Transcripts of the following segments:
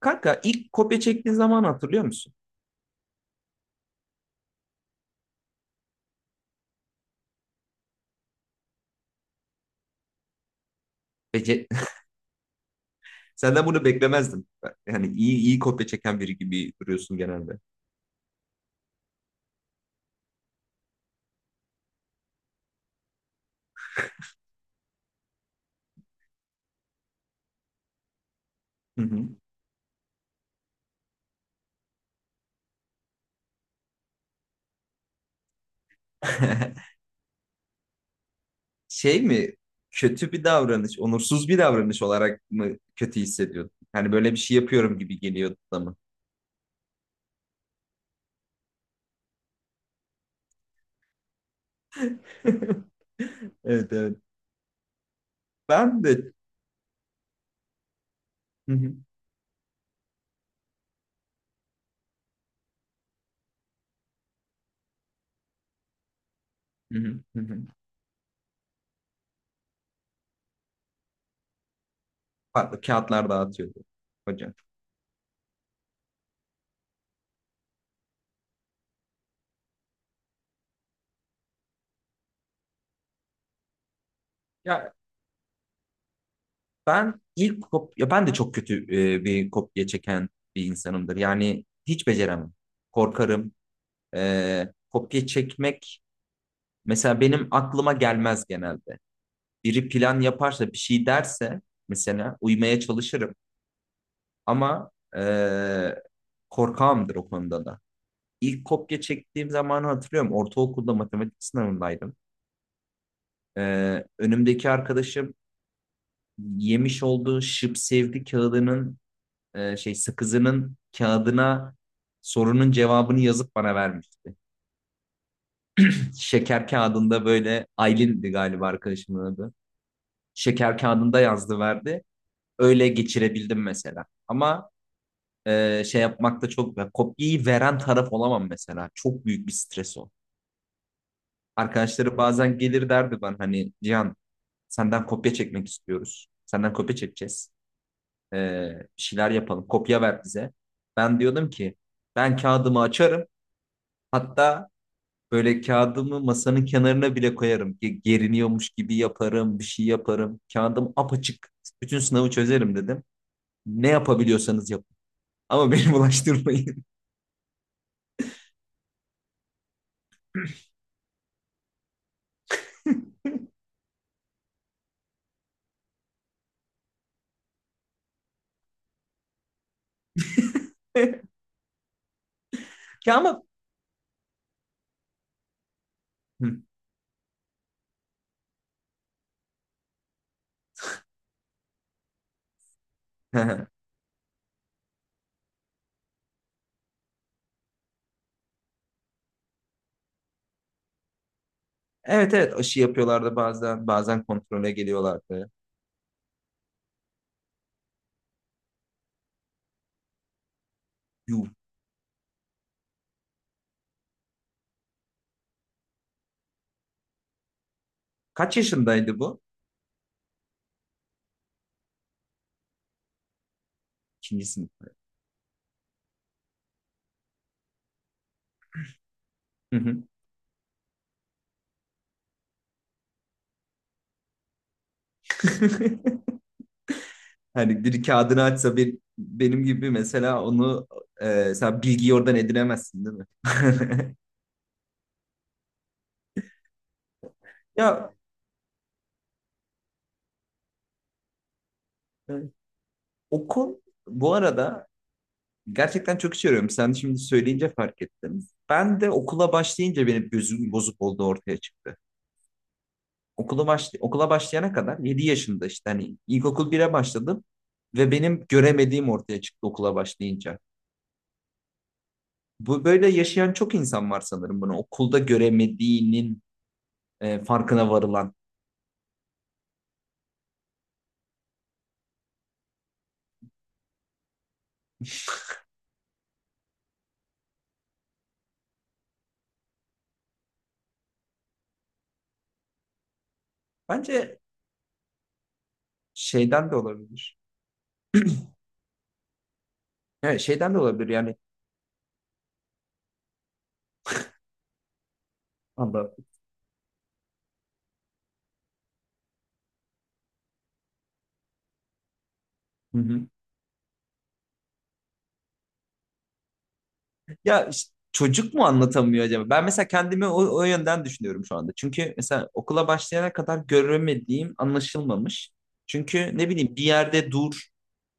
Kanka, ilk kopya çektiğin zaman hatırlıyor musun? Peki. Senden bunu beklemezdim. Yani iyi iyi kopya çeken biri gibi duruyorsun genelde. Hı hı. Şey mi? Kötü bir davranış, onursuz bir davranış olarak mı kötü hissediyordun? Hani böyle bir şey yapıyorum gibi geliyordu da mı? Evet, evet. Ben de. Hı hı. Hı hı. Hı hı. Farklı kağıtlar dağıtıyordu hocam. Ya, Ben ilk kop ya ben de çok kötü bir kopya çeken bir insanımdır. Yani hiç beceremem. Korkarım. Kopya çekmek mesela benim aklıma gelmez genelde. Biri plan yaparsa, bir şey derse mesela uymaya çalışırım. Ama e, korkağımdır o konuda da. İlk kopya çektiğim zamanı hatırlıyorum. Ortaokulda matematik sınavındaydım. E, önümdeki arkadaşım yemiş olduğu şıp sevdi kağıdının, şey, sakızının kağıdına sorunun cevabını yazıp bana vermişti. Şeker kağıdında, böyle, Aylin'di galiba arkadaşımın adı. Şeker kağıdında yazdı, verdi. Öyle geçirebildim mesela. Ama şey yapmakta çok, ya, kopyayı veren taraf olamam mesela. Çok büyük bir stres o. Arkadaşları bazen gelir, derdi bana, hani: Cihan, senden kopya çekmek istiyoruz. Senden kopya çekeceğiz. E, bir şeyler yapalım. Kopya ver bize. Ben diyordum ki ben kağıdımı açarım. Hatta böyle kağıdımı masanın kenarına bile koyarım. Geriniyormuş gibi yaparım, bir şey yaparım. Kağıdım apaçık. Bütün sınavı çözerim, dedim. Ne yapabiliyorsanız yapın. Ama beni bulaştırmayın. Ya ama... Hı. Evet, evet, aşı yapıyorlardı bazen. Bazen kontrole geliyorlardı. Yuh. Kaç yaşındaydı bu? İkinci sınıf. Hı hı. Hani biri kağıdını açsa bir, benim gibi mesela, onu, sen bilgiyi oradan edinemezsin, değil mi? Ya, okul, bu arada, gerçekten çok işe yarıyorum. Sen şimdi söyleyince fark ettim. Ben de okula başlayınca benim gözüm bozuk olduğu ortaya çıktı. Okula başlayana kadar, 7 yaşında, işte hani ilkokul 1'e başladım ve benim göremediğim ortaya çıktı okula başlayınca. Bu böyle yaşayan çok insan var sanırım bunu. Okulda göremediğinin farkına varılan. Bence şeyden de olabilir. Evet, şeyden de olabilir yani. Allah. Hı hı. Ya, işte çocuk mu anlatamıyor acaba? Ben mesela kendimi o, o yönden düşünüyorum şu anda. Çünkü mesela okula başlayana kadar göremediğim anlaşılmamış. Çünkü ne bileyim, bir yerde dur,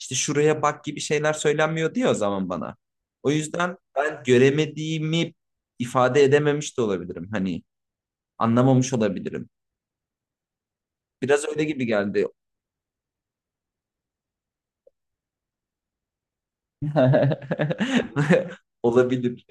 işte şuraya bak gibi şeyler söylenmiyor diyor o zaman bana. O yüzden ben göremediğimi ifade edememiş de olabilirim. Hani anlamamış olabilirim. Biraz öyle gibi geldi. Olabilir.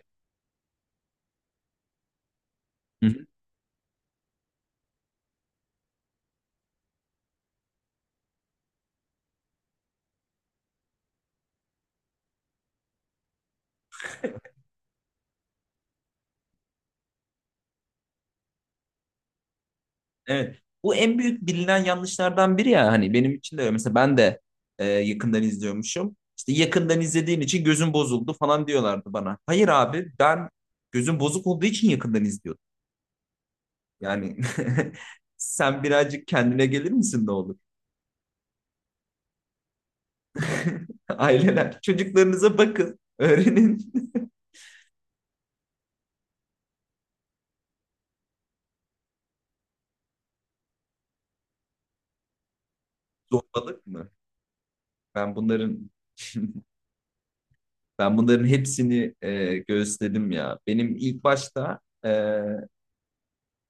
Evet. Bu en büyük bilinen yanlışlardan biri ya, hani benim için de öyle. Mesela ben de yakından izliyormuşum. İşte yakından izlediğin için gözün bozuldu falan diyorlardı bana. Hayır abi, ben gözüm bozuk olduğu için yakından izliyordum. Yani sen birazcık kendine gelir misin, ne olur? Aileler, çocuklarınıza bakın, öğrenin. Zorbalık mı? Ben bunların Ben bunların hepsini gözledim ya. Benim ilk başta,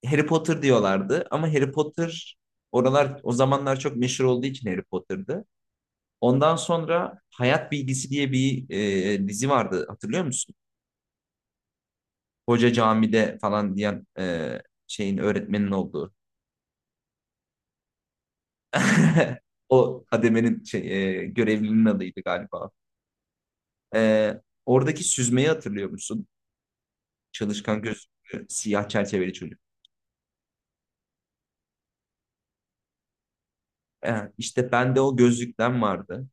Harry Potter diyorlardı, ama Harry Potter oralar o zamanlar çok meşhur olduğu için Harry Potter'dı. Ondan sonra Hayat Bilgisi diye bir dizi vardı, hatırlıyor musun? Hoca camide falan diyen, şeyin, öğretmenin olduğu. O kademenin şey, görevlinin adıydı galiba. E, oradaki süzmeyi hatırlıyor musun? Çalışkan, gözlüklü, siyah çerçeveli çocuk. E, işte bende o gözlükten vardı.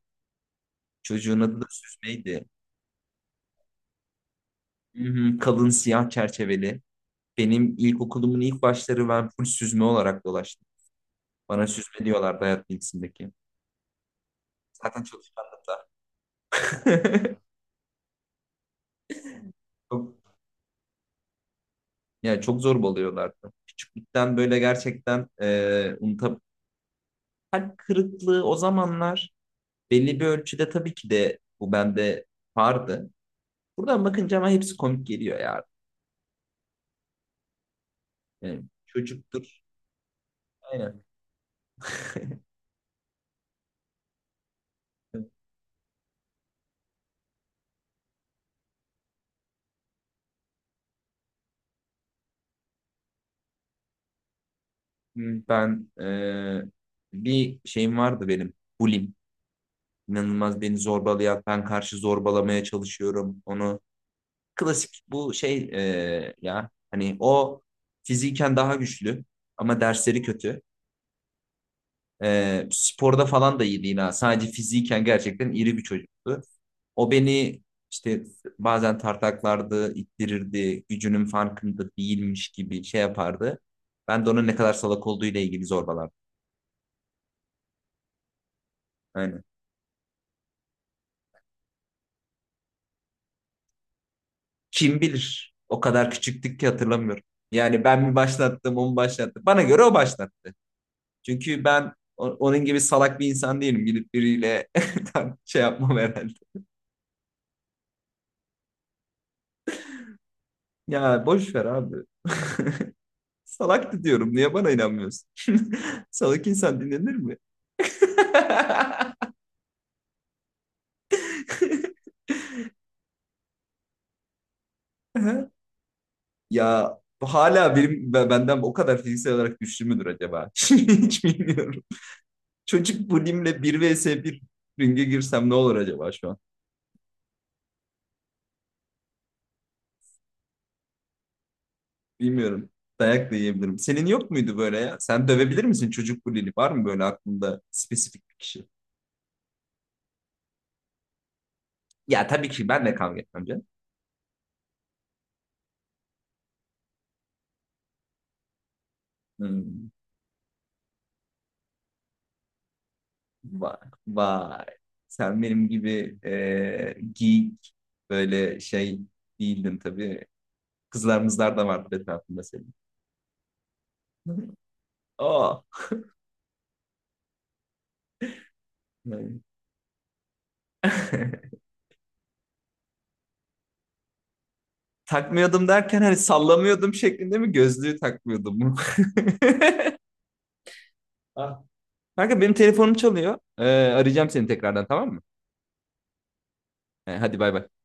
Çocuğun adı da süzmeydi. Hı hı, kalın siyah çerçeveli. Benim ilkokulumun ilk başları ben full süzme olarak dolaştım. Bana süzme diyorlardı, hayat bilgisindeki. Zaten çalışkandım da. Çok, yani çok zorbalıyorlardı. Küçüklükten böyle, gerçekten, unutab- kalp kırıklığı o zamanlar belli bir ölçüde tabii ki de bu bende vardı. Buradan bakınca ama hepsi komik geliyor ya. Yani çocuktur. Aynen. Ben, bir şeyim vardı benim. Bulim. İnanılmaz beni zorbalayan, ben karşı zorbalamaya çalışıyorum. Onu, klasik bu şey, ya hani o fiziken daha güçlü ama dersleri kötü. Sporda falan da iyi değil ha. Sadece fiziken gerçekten iri bir çocuktu. O beni işte bazen tartaklardı, ittirirdi, gücünün farkında değilmiş gibi şey yapardı. Ben de onun ne kadar salak olduğu ile ilgili zorbalardım. Aynen. Kim bilir? O kadar küçüktük ki hatırlamıyorum. Yani ben mi başlattım, o mu başlattı? Bana göre o başlattı. Çünkü ben onun gibi salak bir insan değilim. Gidip biriyle şey yapmam herhalde. Ya boş ver abi. Salaktı diyorum. Niye bana inanmıyorsun? Salak insan dinlenir mi? Ya, hala benim benden o kadar fiziksel olarak güçlü müdür acaba? Hiç bilmiyorum. Çocuk bulimle 1 vs bir ringe girsem ne olur acaba şu an? Bilmiyorum. Dayak da yiyebilirim. Senin yok muydu böyle ya? Sen dövebilir misin çocuk bulili? Var mı böyle aklında spesifik bir kişi? Ya tabii ki ben de kavga etmem canım. Hmm. Vay, vay. Sen benim gibi, geek, böyle şey değildin tabii. Kızlarımızlar da vardı etrafında senin. Oh. Takmıyordum derken hani sallamıyordum şeklinde mi, gözlüğü takmıyordum mu? Ah. Kanka, benim telefonum çalıyor. Arayacağım seni tekrardan, tamam mı? He, hadi bay bay.